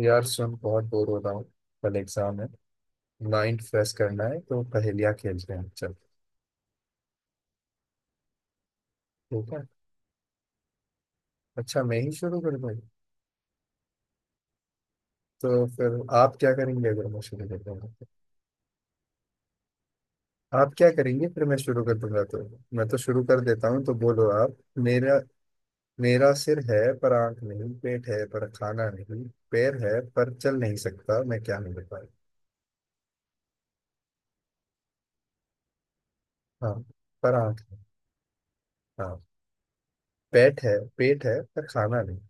यार सुन, बहुत बोर हो रहा हूँ। कल एग्जाम है। माइंड फ्रेश करना है तो पहेलियाँ खेलते हैं, चल। ठीक है, अच्छा मैं ही शुरू कर दूँ। तो फिर आप क्या करेंगे अगर मैं शुरू कर दूंगा तो? आप क्या करेंगे फिर मैं शुरू कर दूंगा तो। मैं तो शुरू कर देता हूँ, तो बोलो आप। मेरा मेरा सिर है पर आंख नहीं, पेट है पर खाना नहीं, पैर है पर चल नहीं सकता। मैं क्या नहीं बता। हाँ, पर आंख नहीं। हाँ, पेट है पेट है पर खाना नहीं।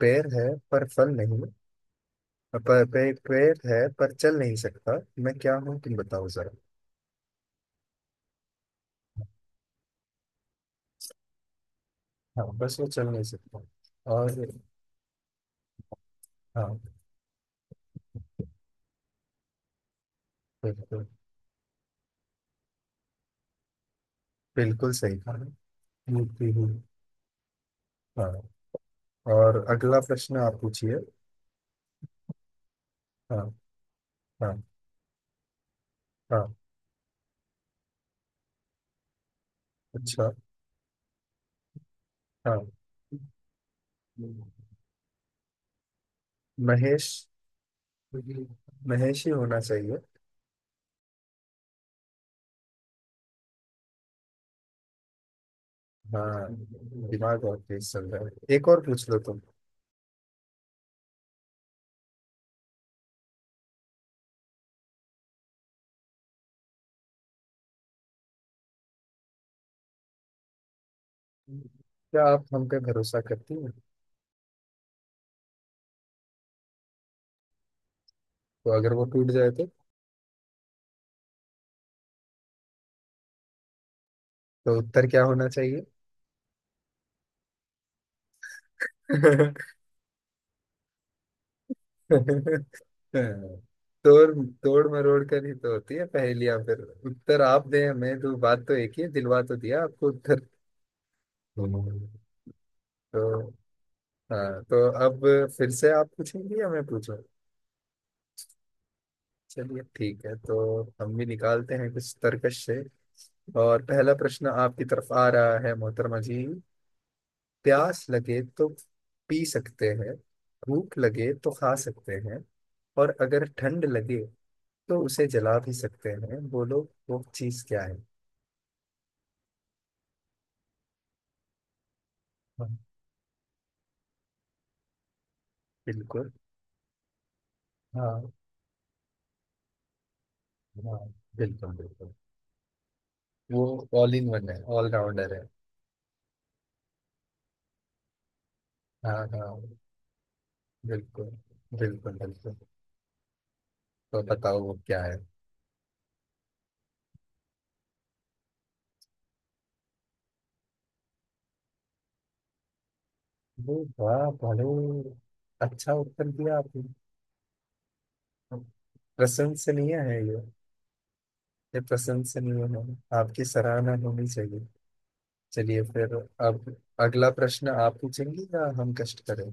पैर है पर फल नहीं। पैर है पर चल नहीं सकता। मैं क्या हूँ, तुम बताओ जरा। हाँ, बस वो चल नहीं सकता। और हाँ, बिल्कुल। बिल्कुल सही कहा, मूर्ति हूँ। हाँ, और अगला प्रश्न आप पूछिए। हाँ, हाँ, हाँ, अच्छा, हाँ। महेश, महेश ही होना चाहिए। हाँ, दिमाग और तेज चल रहा है, एक और पूछ लो तुम। क्या आप हम पे भरोसा करती हैं? तो अगर वो टूट जाए तो? तो उत्तर क्या होना चाहिए? हाँ, तोड़ तोड़ मरोड़ कर ही तो होती है पहेलियां। फिर उत्तर आप दें हमें तो बात तो एक ही है, दिलवा तो दिया आपको उत्तर। हम्म। तो हाँ, तो अब फिर से आप पूछेंगे या मैं पूछूं? चलिए ठीक है, तो हम भी निकालते हैं कुछ तर्कश से। और पहला प्रश्न आपकी तरफ आ रहा है, मोहतरमा जी। प्यास लगे तो पी सकते हैं, भूख लगे तो खा सकते हैं, और अगर ठंड लगे तो उसे जला भी सकते हैं। बोलो वो चीज क्या है। बिल्कुल। हाँ। हाँ, बिल्कुल बिल्कुल। वो ऑल इन वन है, ऑल राउंडर है। हाँ हाँ, बिल्कुल बिल्कुल बिल्कुल। तो बताओ वो क्या है। वो वाह, बहुत अच्छा उत्तर दिया आपने। प्रशंसनीय है ये। ये प्रशंसनीय है। आपकी सराहना होनी चाहिए। चलिए फिर, अब अगला प्रश्न आप पूछेंगे या हम कष्ट करें?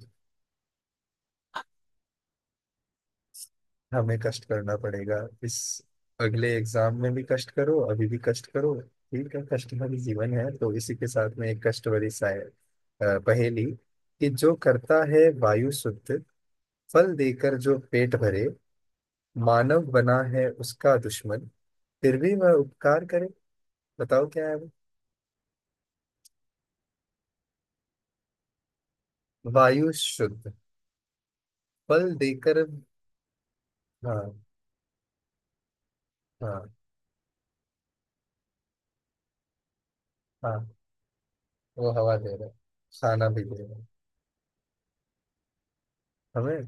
हमें कष्ट करना पड़ेगा। इस अगले एग्जाम में भी कष्ट करो, अभी भी कष्ट करो, ठीक है, कष्ट भरी जीवन है। तो इसी के साथ में एक कष्ट भरी पहेली कि जो करता है वायु शुद्ध, फल देकर जो पेट भरे, मानव बना है उसका दुश्मन, फिर भी वह उपकार करे। बताओ क्या है वो। वायु शुद्ध, फल देकर। हाँ। हाँ। हाँ, वो हवा दे रहा है। खाना भी दे रहा है। हमें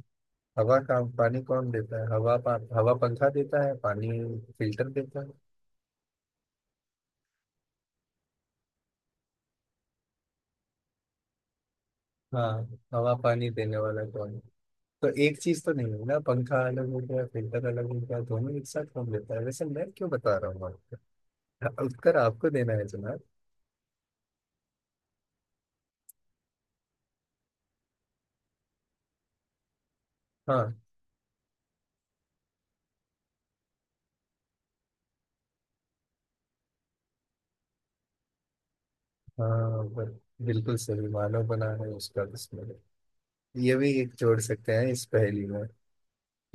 हवा का पानी कौन देता है? हवा पंखा देता है, पानी फिल्टर देता है। हाँ, हवा पानी देने वाला कौन है? तो एक चीज तो नहीं है ना, पंखा अलग हो गया फिल्टर अलग हो गया, दोनों एक साथ कौन देता है? वैसे मैं क्यों बता रहा हूँ आपको। हाँ, उत्तर आपको देना है जनाब। हाँ, हाँ बस, बिल्कुल सही। मानव बना है उसका बिस्मिल्लाह, ये भी एक जोड़ सकते हैं इस पहेली में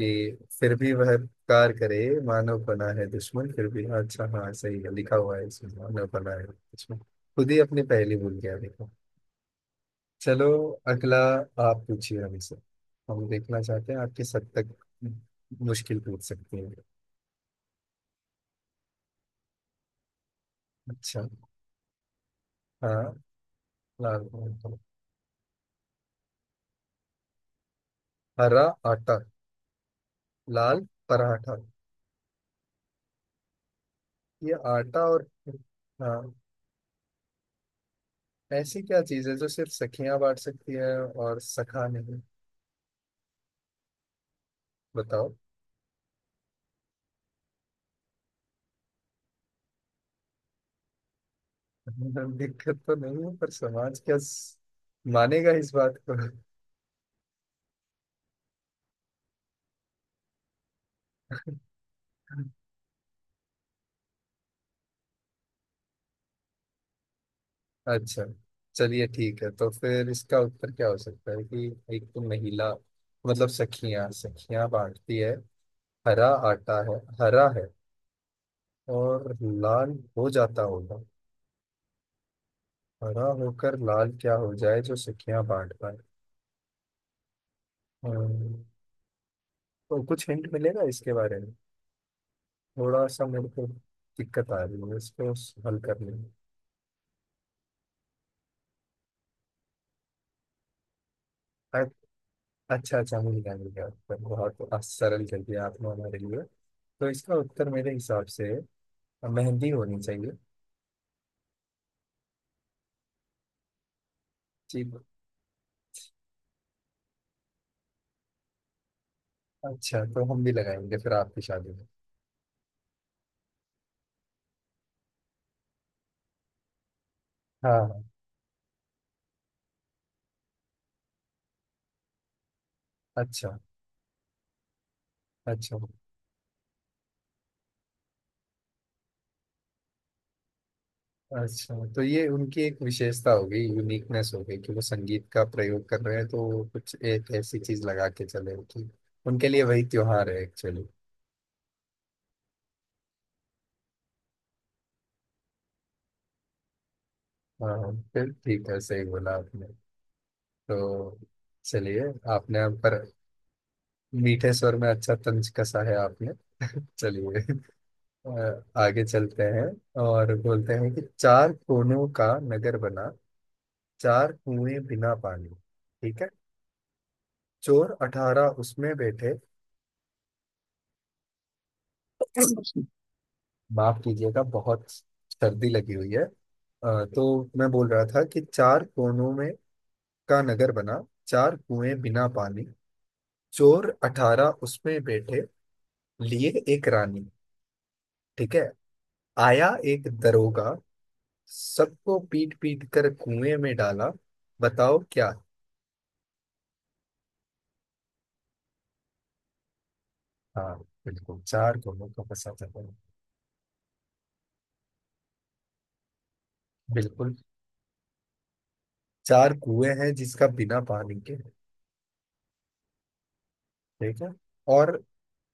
कि फिर भी वह उपकार करे। मानव बना है दुश्मन फिर भी, हाँ, अच्छा हाँ सही है, लिखा हुआ है इसमें, मानव बना है दुश्मन। खुद ही अपनी पहेली भूल गया, देखो। चलो, अगला आप पूछिए हमसे। हम देखना चाहते हैं आप किस हद तक मुश्किल पूछ सकते हैं। अच्छा। हाँ, लाल पराठा। हरा आटा, लाल पराठा। ये आटा और? हाँ। ऐसी क्या चीज है जो सिर्फ सखियां बांट सकती है और सखा नहीं? बताओ। दिक्कत तो नहीं है, पर समाज क्या मानेगा इस बात को? अच्छा, चलिए ठीक है, तो फिर इसका उत्तर क्या हो सकता है कि एक तो महिला, मतलब सखियां, सखियां बांटती है। हरा आटा है, हरा है, और लाल हो जाता होगा। हरा होकर लाल क्या हो जाए जो सखियां बांट पाए? हम्म, तो कुछ हिंट मिलेगा इसके बारे में? थोड़ा सा मेरे को दिक्कत आ रही है इसको हल करने में। अच्छा अच्छा, मिल गया उत्तर, बहुत सरल कर दिया आपने हमारे लिए। तो इसका उत्तर मेरे हिसाब से मेहंदी होनी चाहिए। जी। अच्छा, तो हम भी लगाएंगे फिर आपकी शादी में। हाँ हाँ, अच्छा, अच्छा, अच्छा, तो ये उनकी एक विशेषता हो गई, यूनिकनेस हो गई कि वो संगीत का प्रयोग कर रहे हैं, तो वो कुछ एक ऐसी चीज लगा के चले कि उनके लिए वही त्योहार है एक्चुअली। हाँ हाँ, फिर ठीक है, सही बोला आपने। तो चलिए। आपने हम पर मीठे स्वर में अच्छा तंज कसा है आपने। चलिए, आगे चलते हैं। और बोलते हैं कि चार कोनों का नगर बना, चार कुएं बिना पानी, ठीक है, चोर अठारह उसमें बैठे। माफ कीजिएगा, बहुत सर्दी लगी हुई है। तो मैं बोल रहा था कि चार कोनों में का नगर बना, चार कुएं बिना पानी, चोर अठारह उसमें बैठे लिए एक रानी, ठीक है, आया एक दरोगा, सबको पीट पीट कर कुएं में डाला। बताओ क्या। हाँ, बिल्कुल, चार कुएं का फंसा था। बिल्कुल, चार कुएं हैं जिसका बिना पानी के। ठीक है। और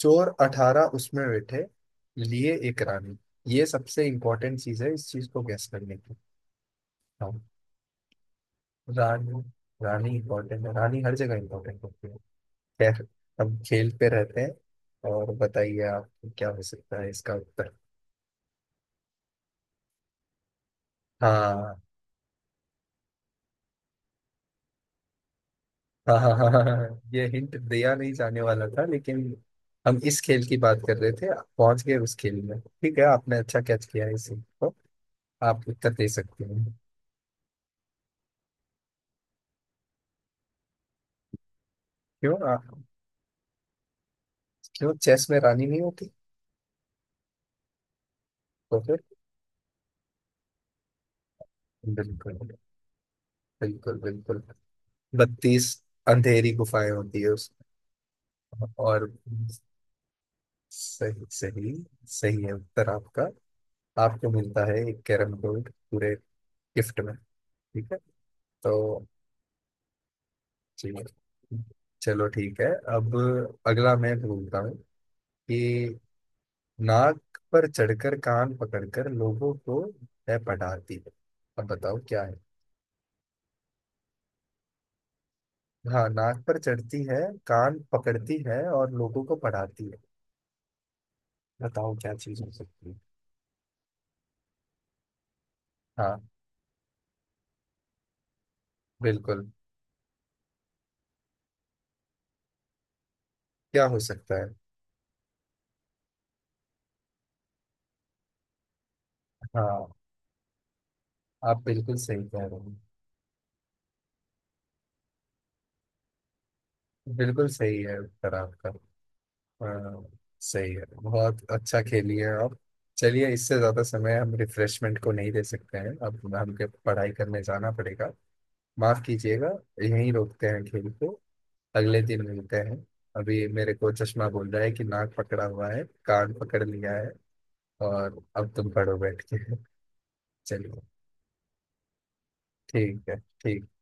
चोर अठारह उसमें बैठे लिए एक रानी, ये सबसे इम्पोर्टेंट चीज है इस चीज को गैस करने की। हाँ, रानी। रानी इम्पोर्टेंट है, रानी हर जगह इम्पोर्टेंट होती है। खैर, हम खेल पे रहते हैं, और बताइए आप, क्या हो सकता है इसका उत्तर। हाँ हाँ हाँ हाँ हाँ हाँ, हाँ। ये हिंट दिया नहीं जाने वाला था, लेकिन हम इस खेल की बात कर रहे थे, आप पहुंच गए उस खेल में, ठीक है आपने अच्छा कैच किया है इस हिंट को। आप उत्तर दे सकते हैं। क्यों आप, क्यों चेस में रानी नहीं होती? तो फिर, बिल्कुल बिल्कुल बिल्कुल, बत्तीस अंधेरी गुफाएं होती है उसमें। और सही सही, सही है उत्तर आपका। आपको मिलता है एक कैरम बोर्ड पूरे गिफ्ट में, ठीक है। तो ठीक है, चलो ठीक है। अब अगला मैं बोलता हूँ कि नाक पर चढ़कर कान पकड़कर लोगों को है पढ़ाती है। अब बताओ क्या है। हाँ, नाक पर चढ़ती है, कान पकड़ती है और लोगों को पढ़ाती है। बताओ क्या चीज हो सकती है। हाँ, बिल्कुल। क्या हो सकता है? हाँ, आप बिल्कुल सही कह रहे हो। बिल्कुल सही है उत्तर आपका। हाँ, सही है, बहुत अच्छा खेली है आप। चलिए, इससे ज्यादा समय हम रिफ्रेशमेंट को नहीं दे सकते हैं, अब हमके पढ़ाई करने जाना पड़ेगा, माफ कीजिएगा। यहीं रोकते हैं खेल को, अगले दिन मिलते हैं। अभी मेरे को चश्मा बोल रहा है कि नाक पकड़ा हुआ है, कान पकड़ लिया है, और अब तुम पढ़ो बैठ के। चलिए। ठीक है, ठीक है।